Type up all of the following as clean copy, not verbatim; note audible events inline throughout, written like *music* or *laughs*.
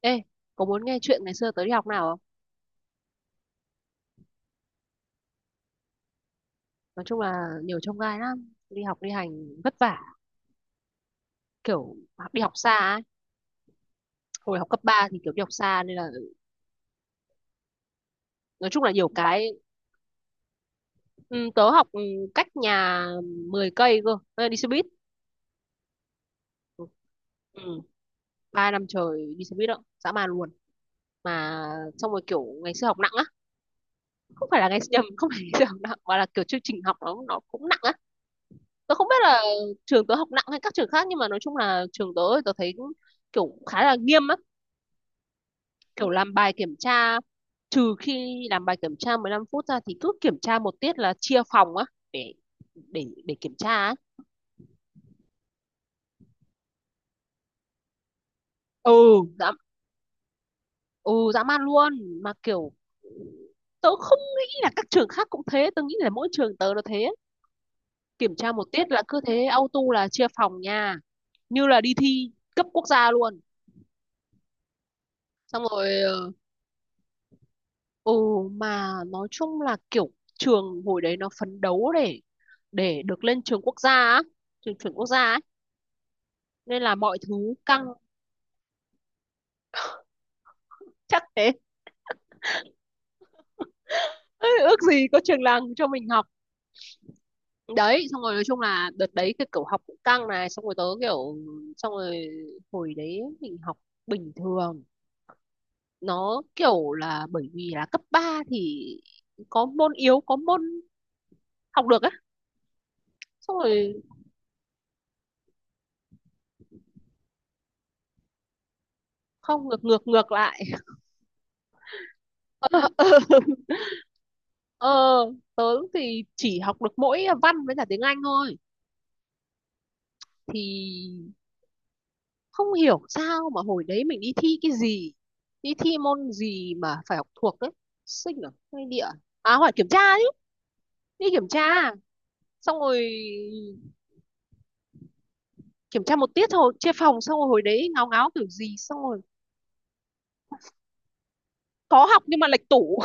Ê, có muốn nghe chuyện ngày xưa tớ đi học nào không? Nói chung là nhiều chông gai lắm, đi học đi hành vất vả, kiểu đi học xa ấy. Hồi học cấp 3 thì kiểu đi học xa nên là nói chung là nhiều cái, ừ, tớ học, cách nhà 10 cây cơ, Ê, đi xe buýt. Ừ, 3 năm trời đi xe buýt đó, dã man luôn. Mà xong rồi kiểu ngày xưa học nặng á, không phải là ngày *laughs* nhầm, không phải ngày xưa học nặng mà là kiểu chương trình học nó cũng nặng á. Tớ không biết là trường tớ học nặng hay các trường khác, nhưng mà nói chung là trường tớ thì tớ thấy cũng kiểu khá là nghiêm, kiểu làm bài kiểm tra, trừ khi làm bài kiểm tra 15 phút ra thì cứ kiểm tra 1 tiết là chia phòng á, để kiểm tra á. ừ dã ừ dã man luôn. Mà kiểu tớ không nghĩ là các trường khác cũng thế, tớ nghĩ là mỗi trường tớ nó thế. Kiểm tra một tiết là cứ thế auto là chia phòng nha, như là đi thi cấp quốc gia luôn. Xong rồi ừ mà nói chung là kiểu trường hồi đấy nó phấn đấu để được lên trường quốc gia á, trường chuẩn quốc gia ấy, nên là mọi thứ căng, chắc thế. *laughs* Ê, ước gì có trường làng cho mình học. Đấy, xong rồi nói chung là đợt đấy cái kiểu học cũng căng này, xong rồi tớ kiểu xong rồi hồi đấy mình học bình thường, nó kiểu là bởi vì là cấp 3 thì có môn yếu có môn học được á. Xong rồi không, ngược ngược ngược lại. *laughs* ờ ờ, Tớ thì chỉ học được mỗi văn với cả tiếng Anh thôi, thì không hiểu sao mà hồi đấy mình đi thi cái gì, đi thi môn gì mà phải học thuộc đấy, sinh à hay địa à? À hỏi kiểm tra chứ, đi kiểm tra. Xong rồi kiểm tra 1 tiết thôi chia phòng, xong rồi hồi đấy ngáo ngáo kiểu gì, xong rồi có học nhưng mà lệch tủ.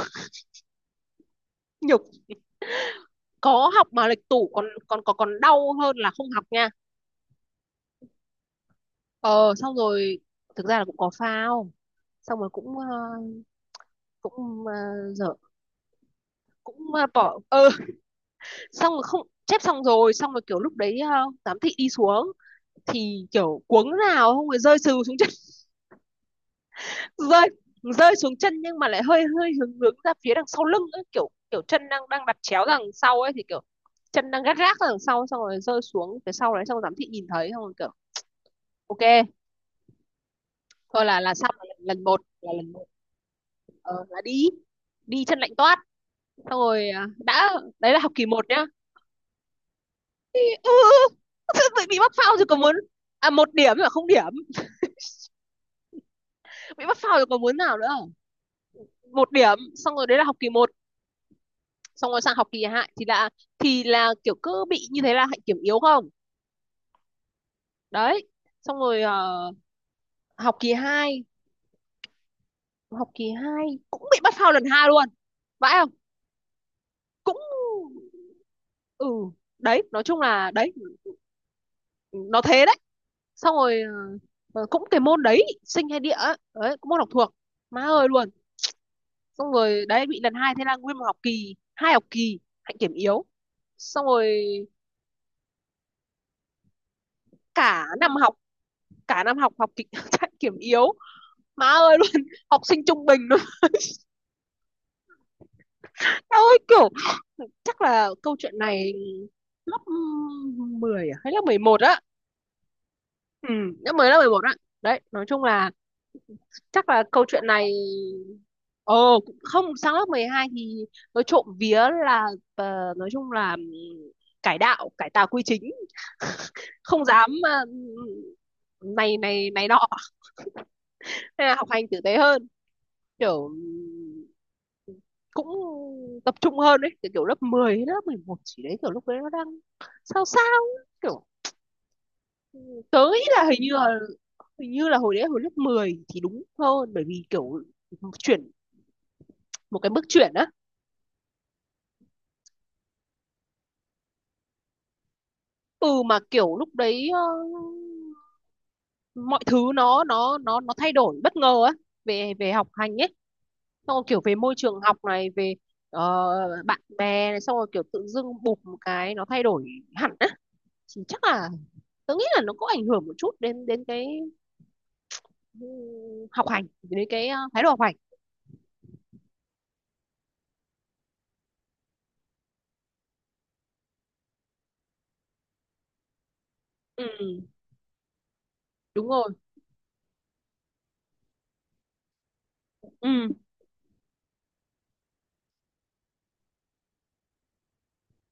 *laughs* Nhục. Có học mà lệch tủ còn còn còn còn đau hơn là không học nha. Ờ Xong rồi thực ra là cũng có phao, xong rồi cũng, cũng, dở, cũng, bỏ, xong rồi không chép. Xong rồi kiểu lúc đấy, giám thị đi xuống thì kiểu cuống nào không, rồi rơi sừ xuống chân. *laughs* rơi rơi xuống chân, nhưng mà lại hơi hơi hướng hướng ra phía đằng sau lưng ấy, kiểu kiểu chân đang đang đặt chéo ra đằng sau ấy, thì kiểu chân đang gắt gác ra đằng sau, xong rồi rơi xuống phía sau đấy, xong rồi giám thị nhìn thấy, xong rồi kiểu ok. Thôi là xong. Lần một là lần một. Là đi đi chân lạnh toát. Xong rồi à, đã. Đấy là học kỳ 1 nhá. Ừ, tự bị mắc phao rồi còn muốn. À, 1 điểm mà không điểm, bị mắc phao rồi còn muốn nào nữa. 1 điểm. Xong rồi đấy là học kỳ một, xong rồi sang học kỳ 2 thì là kiểu cứ bị như thế là hạnh kiểm yếu, không? Đấy. Xong rồi, học kỳ 2, học kỳ 2 cũng bị bắt phao lần 2 luôn, vãi không. Cũng, ừ đấy, nói chung là đấy, nó thế đấy. Xong rồi, cũng cái môn đấy, sinh hay địa ấy, đấy cũng môn học thuộc, má ơi luôn. Xong rồi đấy bị lần 2, thế là nguyên một học kỳ 2, học kỳ hạnh kiểm yếu. Xong rồi cả năm học cả năm học học kịch chạy kiểm *laughs* yếu, má ơi *laughs* luôn, học sinh trung bình luôn. *laughs* Tao ơi, kiểu chắc là câu chuyện này lớp 10 à? Hay lớp 11 á. ừ Lớp 10, lớp 11 á. Đấy nói chung là chắc là câu chuyện này. Ồ cũng không, sang lớp 12 thì nói trộm vía là, nói chung là, cải đạo cải tà quy chính. *laughs* Không dám, này này này nọ, nên là học hành tử tế hơn, kiểu cũng tập trung hơn đấy, kiểu, lớp 10 hay lớp 11 chỉ đấy, kiểu lúc đấy nó đang sao sao ấy, kiểu, ừ, tớ nghĩ là, hình như là hồi đấy hồi lớp 10 thì đúng hơn, bởi vì kiểu chuyển một cái bước chuyển á. Ừ, mà kiểu lúc đấy, mọi thứ nó thay đổi bất ngờ á, về về học hành ấy, xong rồi kiểu về môi trường học này, về, bạn bè này, xong rồi kiểu tự dưng bụp một cái nó thay đổi hẳn á. Thì chắc là tớ nghĩ là nó có ảnh hưởng một chút đến đến cái, ừ, học hành, đến cái, thái độ học hành. Ừ đúng rồi, ừ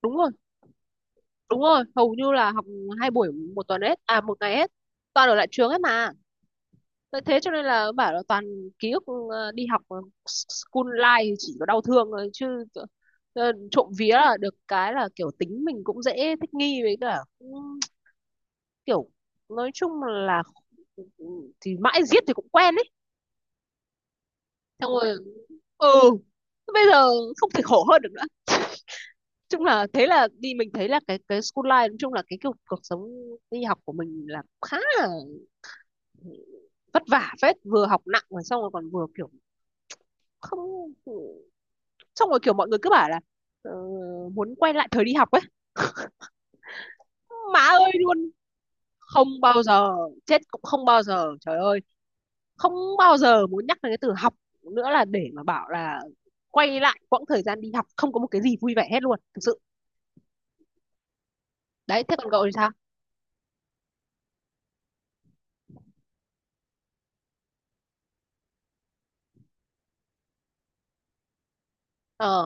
đúng rồi, đúng rồi, hầu như là học 2 buổi 1 tuần hết, à, một ngày hết, toàn ở lại trường hết mà. Tại thế cho nên là bảo là toàn ký ức, đi học, school life thì chỉ có đau thương thôi chứ. Trộm vía là được cái là kiểu tính mình cũng dễ thích nghi với cả cũng kiểu, nói chung là thì mãi giết thì cũng quen ấy. Xong rồi, ừ bây giờ không thể khổ hơn được nữa. Chung là thế, là đi mình thấy là cái school life, nói chung là cái cuộc cuộc sống đi học của mình là khá là vất vả phết, vừa học nặng rồi xong rồi còn vừa kiểu không, xong rồi kiểu mọi người cứ bảo là, ờ, muốn quay lại thời đi học ấy, má ơi luôn. Không bao giờ, chết cũng không bao giờ, trời ơi, không bao giờ muốn nhắc đến cái từ học nữa, là để mà bảo là quay lại quãng thời gian đi học, không có một cái gì vui vẻ hết luôn, thực sự. Đấy, thế còn cậu thì sao. ờ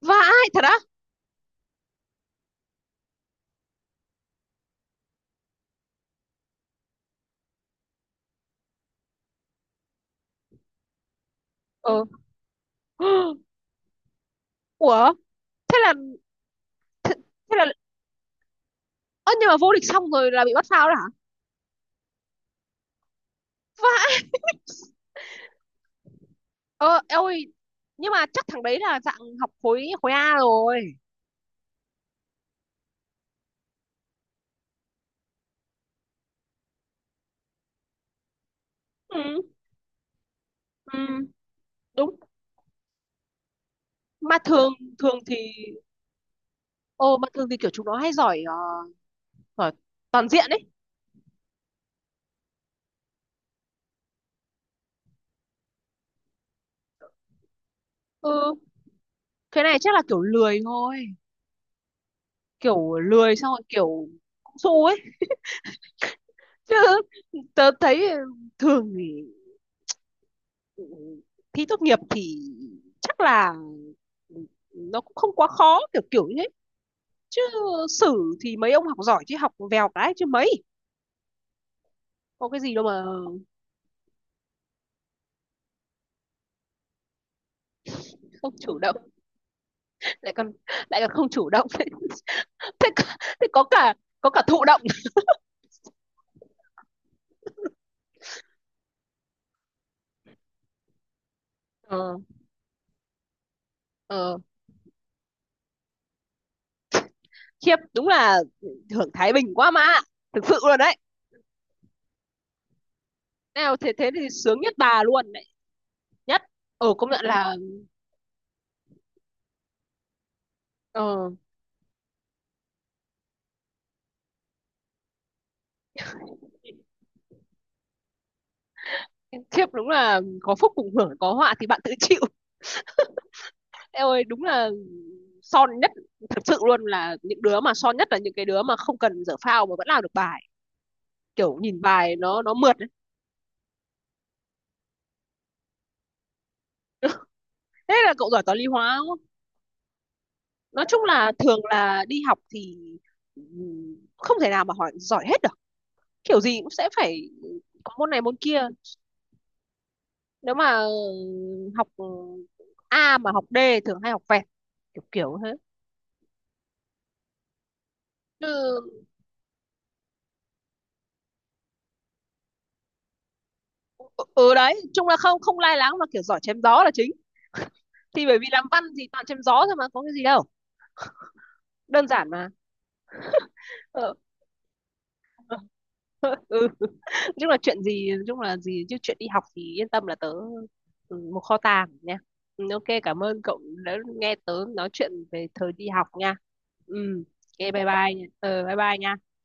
Vãi thật á. ờ *gasps* Ủa thế là, thế, thế là ơ nhưng mà vô địch xong rồi là bị bắt phao đó hả, vãi. Ờ Ôi, nhưng mà chắc thằng đấy là dạng học khối khối A rồi. Ừ, ừ, đúng. Mà thường, thường thì, ờ mà thường thì kiểu chúng nó hay giỏi, giỏi toàn diện ấy. ừ cái này chắc là kiểu lười thôi, kiểu lười xong rồi kiểu cũng su ấy chứ. Tớ thấy thường thì, ừ, thi tốt nghiệp thì chắc là nó cũng không quá khó, kiểu kiểu như thế chứ. Sử thì mấy ông học giỏi chứ, học vèo cái chứ mấy, có cái gì đâu mà. Không chủ động, lại còn lại còn không chủ động. *laughs* Thế, thế, có- thế có cả thụ động. ờ ờ Khiếp, đúng là hưởng thái bình quá mà, thực sự luôn đấy. Nào thế thế thì sướng nhất bà luôn đấy, nhất. Công nhận là. ờ Khiếp, đúng là có phúc cùng hưởng, có họa thì bạn tự chịu. Ê ơi, đúng là son nhất, thực sự luôn, là những đứa mà son nhất là những cái đứa mà không cần dở phao mà vẫn làm được bài, kiểu nhìn bài nó mượt ấy. Thế là cậu giỏi toán lý hóa đúng không. Nói chung là thường là đi học thì, không thể nào mà hỏi giỏi hết được, kiểu gì cũng sẽ phải có môn này môn kia. Nếu mà, học A mà học D thường hay học vẹt, kiểu kiểu thế. Ừ, ừ đấy, chung là không không lai láng, mà kiểu giỏi chém gió là chính, thì bởi vì làm văn thì toàn chém gió thôi mà, có cái gì đâu, đơn giản mà. Ừ. Ừ. Chung là chuyện gì chung là gì chứ chuyện đi học thì yên tâm là tớ, ừ, một kho tàng nha. Ừ, ok, cảm ơn cậu đã nghe tớ nói chuyện về thời đi học nha. Ừ, ok, bye bye nha. Ừ, bye bye nha.